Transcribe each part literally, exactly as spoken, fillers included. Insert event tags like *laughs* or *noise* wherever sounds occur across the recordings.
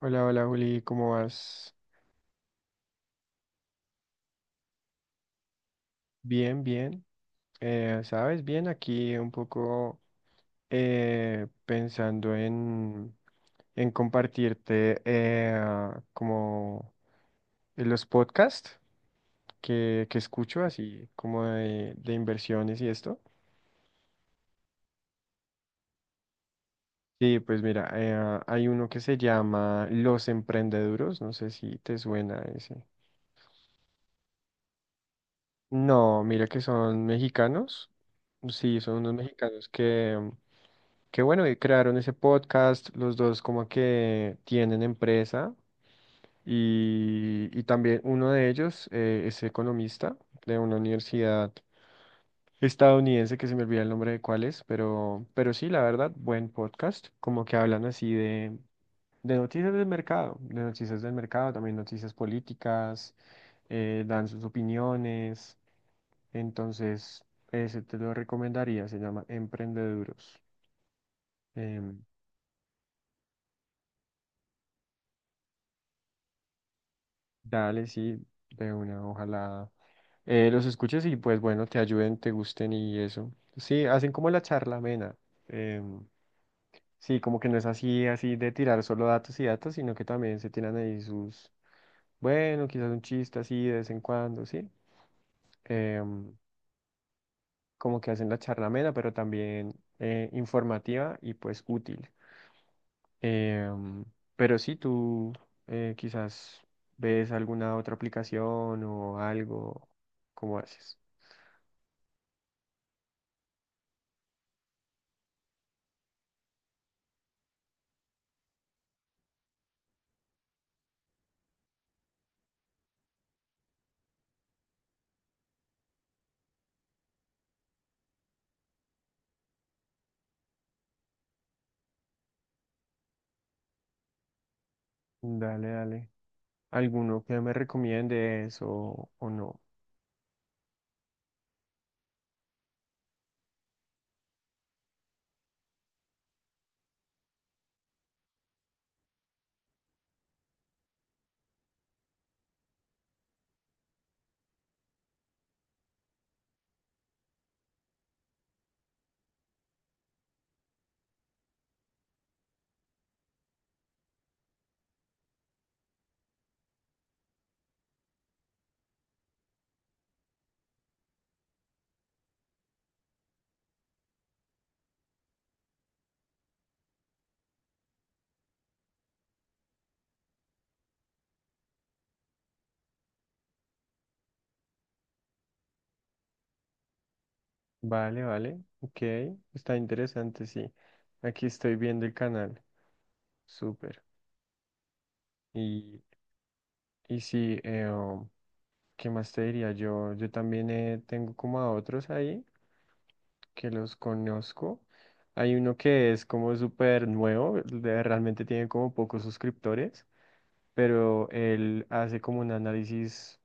Hola, hola Juli, ¿cómo vas? Bien, bien. Eh, ¿sabes? Bien, aquí un poco eh, pensando en, en compartirte eh, como los podcasts que, que escucho, así como de, de inversiones y esto. Sí, pues mira, eh, hay uno que se llama Los Emprendeduros, no sé si te suena ese. No, mira que son mexicanos. Sí, son unos mexicanos que, qué bueno que crearon ese podcast, los dos como que tienen empresa y, y también uno de ellos eh, es economista de una universidad estadounidense que se me olvida el nombre de cuál es, pero, pero sí, la verdad, buen podcast, como que hablan así de, de noticias del mercado, de noticias del mercado, también noticias políticas, eh, dan sus opiniones, entonces ese te lo recomendaría, se llama Emprendeduros. em, Dale, sí, de una, ojalá eh, los escuches y pues bueno, te ayuden, te gusten y eso. Sí, hacen como la charla amena. em, sí, como que no es así, así de tirar solo datos y datos, sino que también se tiran ahí sus, bueno, quizás un chiste así de vez en cuando, sí. em, Como que hacen la charla amena, pero también eh, informativa y pues útil. Em, pero sí, tú eh, quizás ves alguna otra aplicación o algo, ¿cómo haces? Dale, dale. ¿Alguno que me recomiendes o, o no? Vale, vale. Ok. Está interesante, sí. Aquí estoy viendo el canal. Súper. Y, y sí, eh, um, ¿qué más te diría? Yo, yo también eh, tengo como a otros ahí que los conozco. Hay uno que es como súper nuevo, de- realmente tiene como pocos suscriptores, pero él hace como un análisis.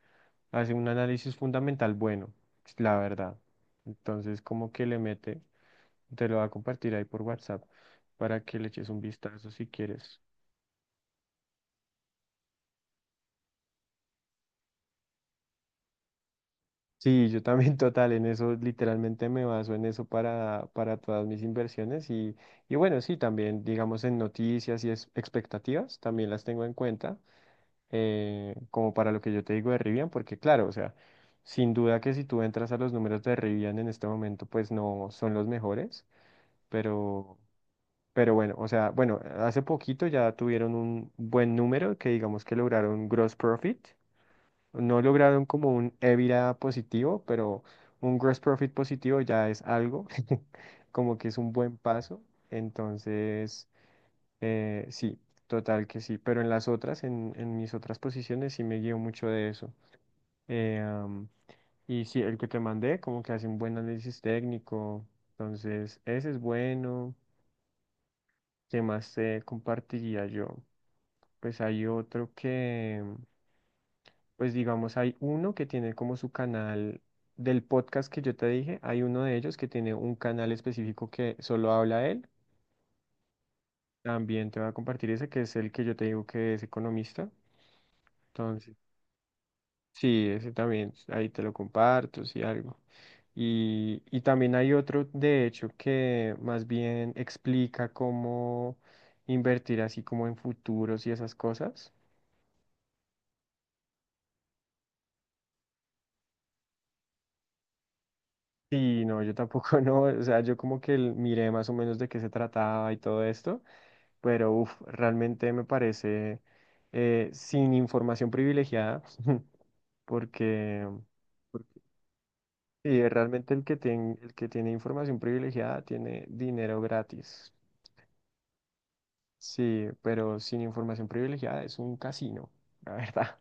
Hace un análisis fundamental bueno, la verdad. Entonces, como que le mete, te lo va a compartir ahí por WhatsApp para que le eches un vistazo si quieres. Sí, yo también *laughs* total, en eso literalmente me baso en eso para, para todas mis inversiones y, y bueno, sí, también digamos en noticias y es- expectativas, también las tengo en cuenta, eh, como para lo que yo te digo de Rivian, porque claro, o sea, sin duda que si tú entras a los números de Rivian en este momento, pues no son los mejores pero Pero bueno, o sea, bueno, hace poquito ya tuvieron un buen número que digamos que lograron gross profit. No lograron como un EBITDA positivo, pero un gross profit positivo ya es algo, *laughs* como que es un buen paso. Entonces, eh, sí, total que sí. Pero en las otras, en, en mis otras posiciones, sí me guío mucho de eso. Eh, am, y sí, el que te mandé, como que hace un buen análisis técnico. Entonces, ese es bueno. ¿Qué más te compartiría yo? Pues hay otro que, pues digamos, hay uno que tiene como su canal del podcast que yo te dije, hay uno de ellos que tiene un canal específico que solo habla él. También te voy a compartir ese, que es el que yo te digo que es economista. Entonces, sí, ese también, ahí te lo comparto, si algo. Y, y también hay otro, de hecho, que más bien explica cómo invertir así como en futuros y esas cosas. Sí, no, yo tampoco. *laughs* No, o sea, yo como que el- miré más o menos de qué se trataba y todo esto, pero uf, realmente me parece eh, sin información privilegiada, *laughs* porque, porque sí, realmente el que tiene, el que tiene información privilegiada tiene dinero gratis. Sí, pero sin información privilegiada es un casino, *laughs* la verdad.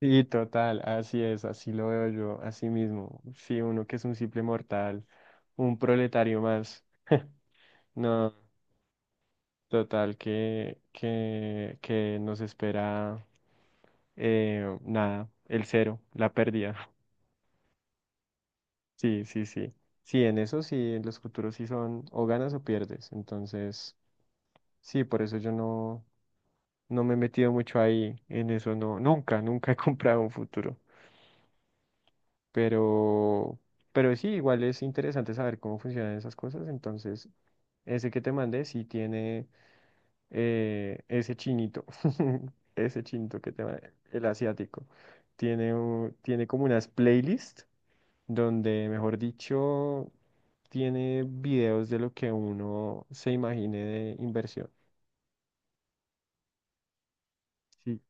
Sí, total, así es, así lo veo yo, así mismo. Sí, uno que es un simple mortal, un proletario más. *laughs* No. Total que, que, que nos espera eh, nada, el cero, la pérdida. *laughs* Sí, sí, sí. Sí, en eso sí, en los futuros sí son o ganas o pierdes. Entonces, sí, por eso yo no, no me he metido mucho ahí en eso, no, nunca, nunca he *laughs* comprado un futuro. Pero, pero sí, igual es interesante saber cómo funcionan esas cosas. Entonces, ese que te mandé sí tiene. eh, ese chinito, *laughs* ese chinito que te va, el asiático, tiene, un- tiene como unas playlists donde, mejor dicho, tiene videos de lo que uno se imagine de inversión. Sí,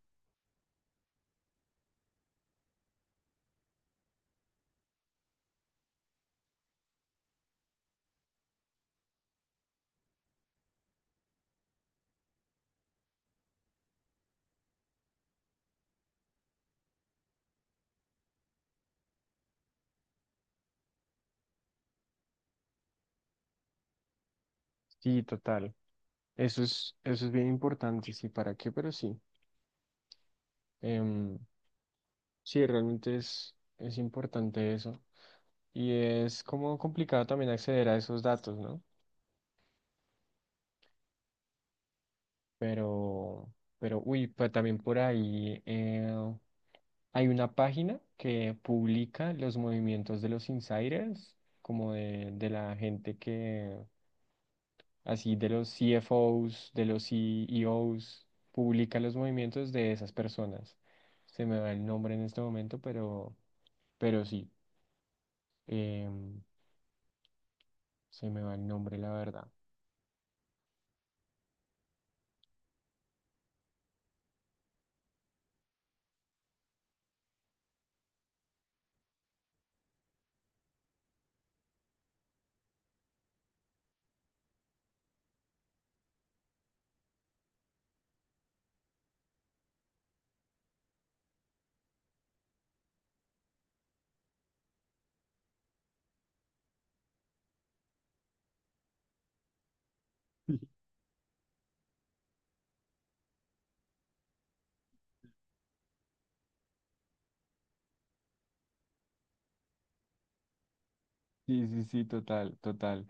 sí, total. Eso es, eso es bien importante, sí, ¿para qué? Pero sí. Em, sí, realmente es, es importante eso. Y es como complicado también acceder a esos datos, ¿no? Pero, pero, uy, pues también por ahí eh, hay una página que publica los movimientos de los insiders, como de, de la gente que, así, de los C F Os, de los C E Os, publica los movimientos de esas personas. Se me va el nombre en este momento, pero, pero sí, em, se me va el nombre, la verdad. Sí, sí, sí, total, total.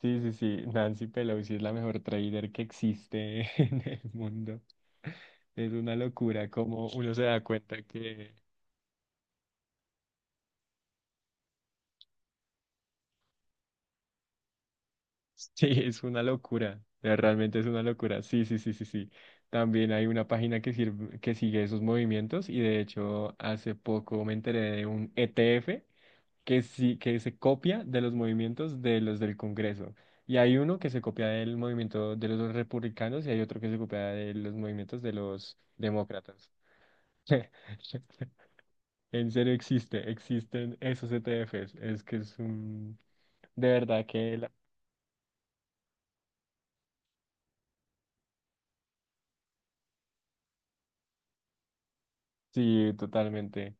Sí, sí, sí, Nancy Pelosi es la mejor trader que existe *laughs* en el mundo. Es una locura como uno se da cuenta que sí, es una locura. eh, Realmente es una locura. Sí, sí, sí, sí, sí. También hay una página que sirve, que sigue esos movimientos y de hecho hace poco me enteré de un E T F que sí, que se copia de los movimientos de los del Congreso. Y hay uno que se copia del movimiento de los republicanos y hay otro que se copia de los movimientos de los demócratas. *laughs* En serio existe, existen esos E T Fs. Es que es un... De verdad que... la- sí, totalmente.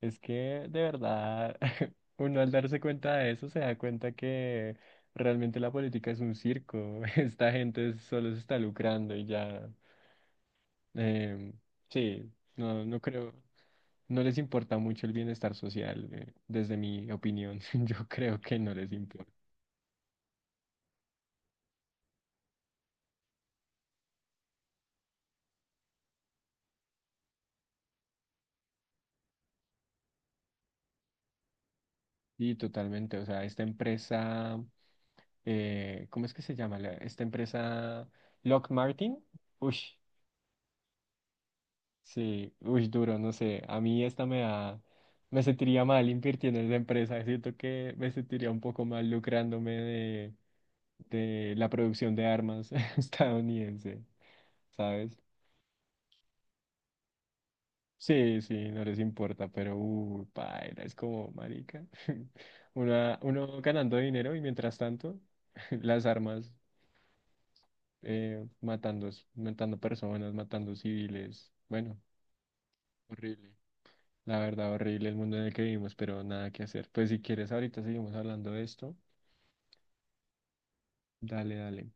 Es que de verdad, *laughs* uno al darse cuenta de eso se da cuenta que realmente la política es un circo. *laughs* Esta gente solo se está lucrando y ya. Eh, sí, no, no creo, no les importa mucho el bienestar social, eh, desde mi opinión, *laughs* yo creo que no les importa. Y totalmente, o sea, esta empresa, eh, ¿cómo es que se llama? la- esta empresa Lock Martin, uy, sí, uy, duro, no sé, a mí esta me da, me sentiría mal invirtiendo en esa empresa, siento que me sentiría un poco mal lucrándome de, de la producción de armas *laughs* estadounidense, ¿sabes? Sí, sí, no les importa, pero uh, paila, es como marica. *laughs* Una, uno ganando dinero y mientras tanto, *laughs* las armas eh, matando, matando personas, matando civiles. Bueno, horrible. La verdad, horrible el mundo en el que vivimos, pero nada que hacer. Pues si quieres, ahorita seguimos hablando de esto. Dale, dale.